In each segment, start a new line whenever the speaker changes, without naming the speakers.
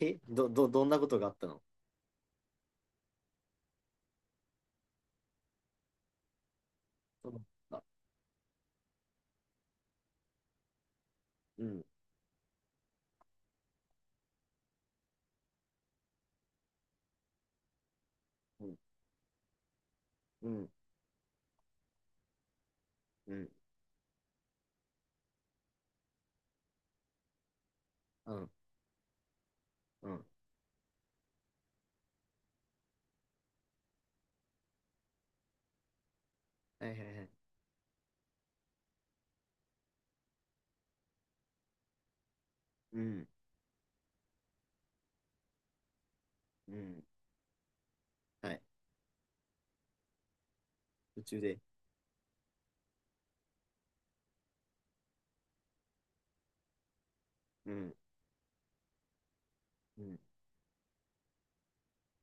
え、ど、ど、どんなことがあったの？あ、うん、うん、うん、うん、うん、うん、はいはいはい、うん、うん、はい、途中で、うん、うん、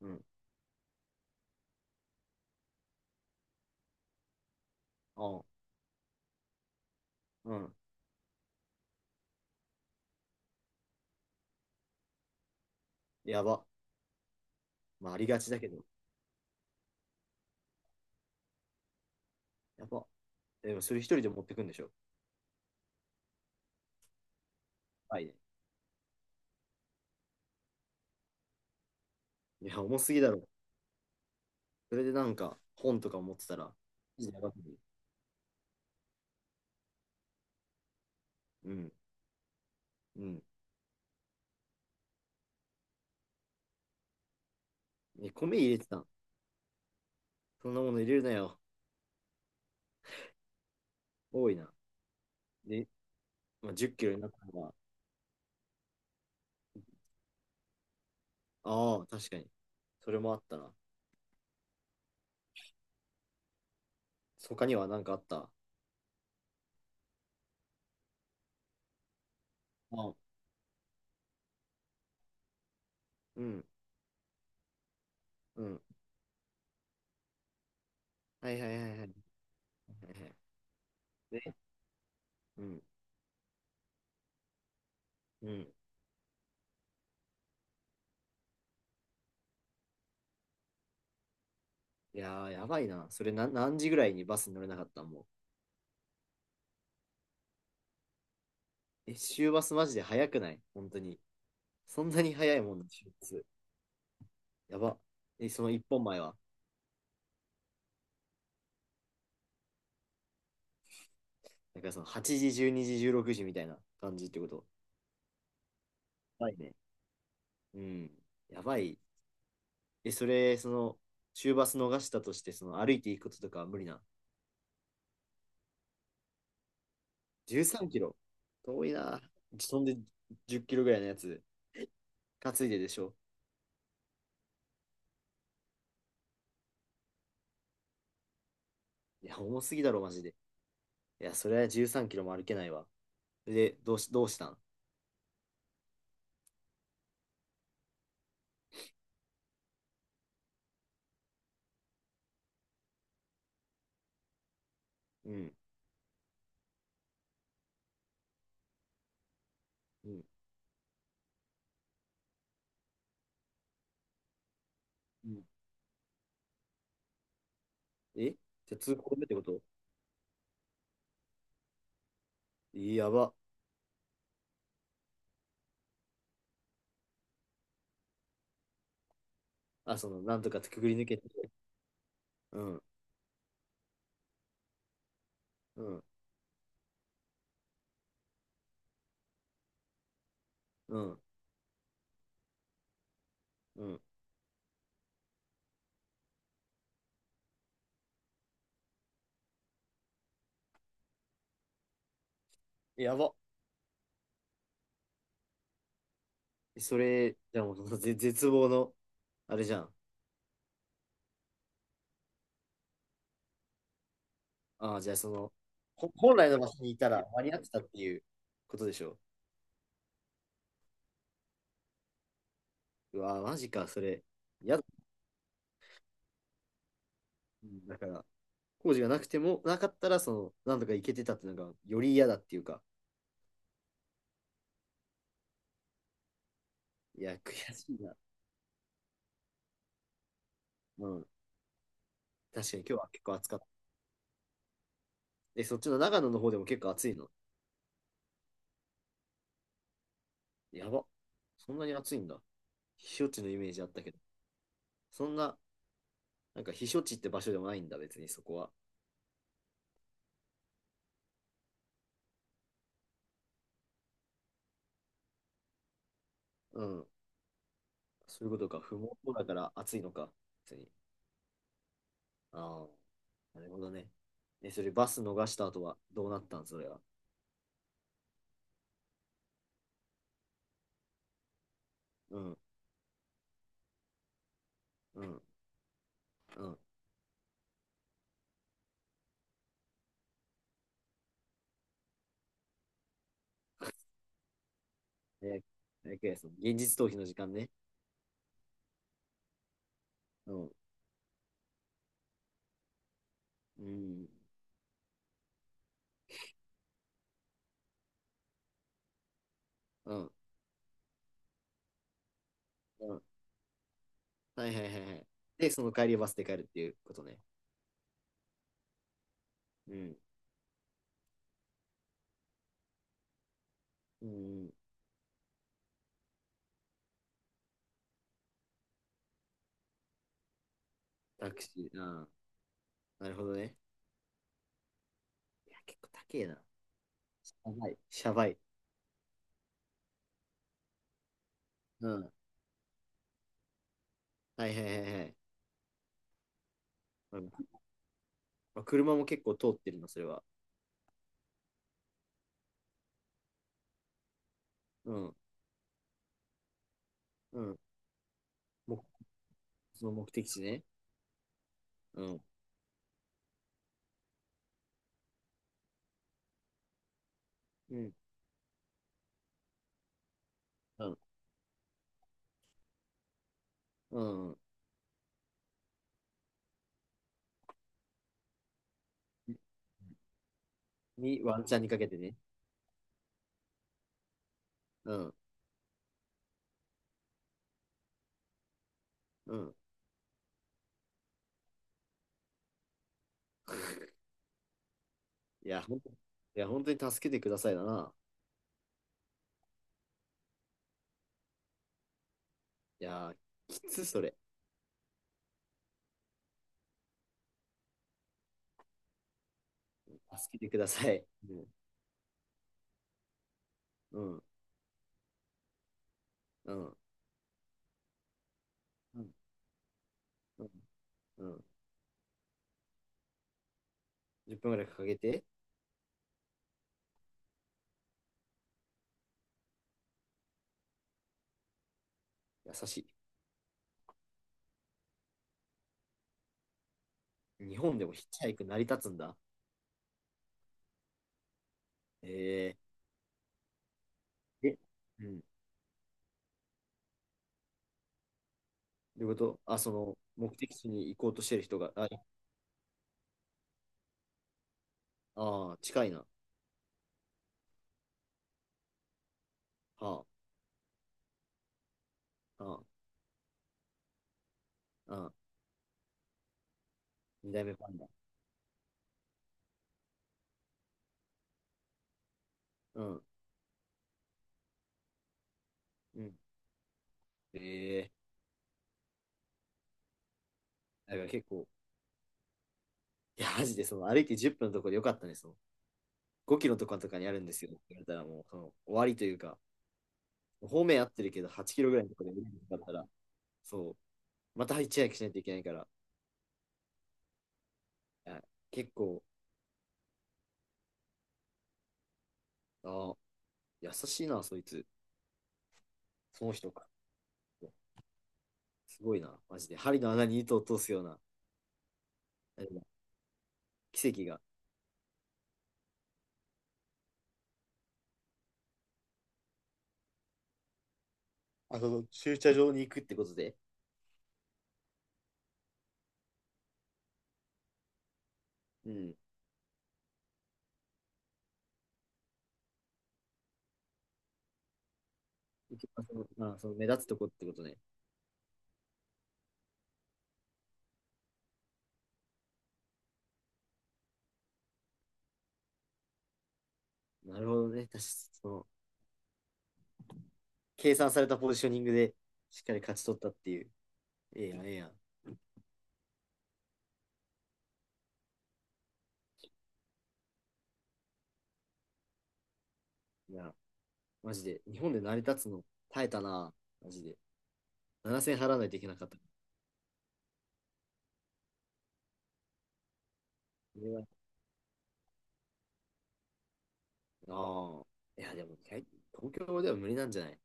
うん、ああ、うん、やば。まあ、ありがちだけど、やば。でも、それ一人で持ってくんでしょ？はいね。いや、重すぎだろ。それでなんか、本とか持ってたら、いいね、やばすぎる。うん、うん。え、米入れてたん？そんなもの入れるなよ。多いな。で、まあ、10キロになったのが、ああ、確かに。それもあったな。他には何かあった？あ、うん、うん。はいはいはいはいはいはい。で、うん、うん。いやー、やばいな。それな、何時ぐらいにバスに乗れなかった、もう？え、終バスマジで早くない？本当に。そんなに早いもんな、終日。やば。え、その一本前は？だからその8時、12時、16時みたいな感じってこと？やばいね。うん。やばい。え、それ、その、終バス逃したとして、その歩いていくこととかは無理な？13キロ。遠いな。そんで10キロぐらいのやつ。担いででしょ？いや、重すぎだろ、マジで。いや、それは13キロも歩けないわ。で、どうしたん？うん。うん。うん。えじゃあ通行止めってこと？やば。あ、その、なんとかくぐり抜けて。うん。うん。うん。うん。やば。それ、じゃあもうその絶望の、あれじゃん。ああ、じゃあその、本来の場所にいたら間に合ってたっていうことでしょう。うわー、マジか、それ。やだ。うん、だから、工事がなくても、なかったら、その、なんとか行けてたってのが、より嫌だっていうか。いや、悔しいな。うん。確かに今日は結構暑かった。え、そっちの長野の方でも結構暑いの？やば。そんなに暑いんだ。避暑地のイメージあったけど。そんな、なんか避暑地って場所でもないんだ、別にそこは。うん。そういうことか。不毛だから暑いのか。別に。ああ。なるほどね。え、それバス逃した後はどうなったん？それは。うん。うん。うん。え、その現実逃避の時間ね。うん。うん。うん。うん。はいはいはいはい。で、その帰りバスで帰るっていうことね。うん。うん。タクシー。うん。なるほどね。いや、結構高えな。やばい。シャバい。うん。はいはいはいはい。うん、まあ、車も結構通ってるの？それは。うん。うん。もうその目的地ね。うん。うん。うん。うん。に、ワンチャンにかけてね。うん。うん。いや、ほんと、いや、本当に助けてくださいだな。いや、きつ、それ。助けてください。うん。うん。うん。うん。うん。10分ぐらいかけて、優しい。日本でもヒッチハイク成り立つんだ。えええ、うん。どういうこと？あ、その、目的地に行こうとしてる人が、あ、あー、近いな。はあ、ああ、ああ、二代目パンダ。うん、うん。ええ、だから結構、いや、マジで、その、歩いて10分のところでよかったね、その、5キロとかとかにあるんですよって言われたら、もう、その、終わりというか、方面合ってるけど、8キロぐらいのところで見るなかったら、そう、また一夜しないといけないから、いや結構、ああ、優しいな、そいつ、その人か。すごいな、マジで。針の穴に糸を通すような、あれだ。奇跡が。あ、そうそう、駐車場に行くってことで。うん。行きましょう。まあ、その目立つとこってことね。なるほどね。確かにその計算されたポジショニングでしっかり勝ち取ったっていう。ええやん、ええやん。いや、マジで。日本で成り立つの？耐えたな。マジで。7000払わないといけなかった。それは。ああ。いや、でも、はい。東京では無理なんじゃない？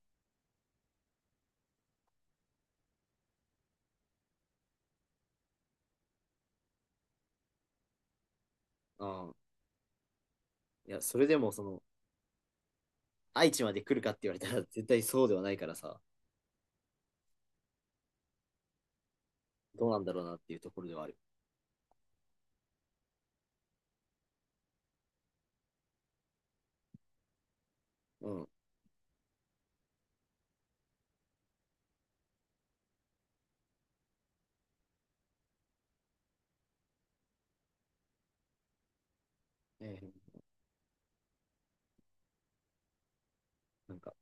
ああ。いや、それでも、その、愛知まで来るかって言われたら、絶対そうではないからさ、どうなんだろうなっていうところではある。うん。ええ、なんか、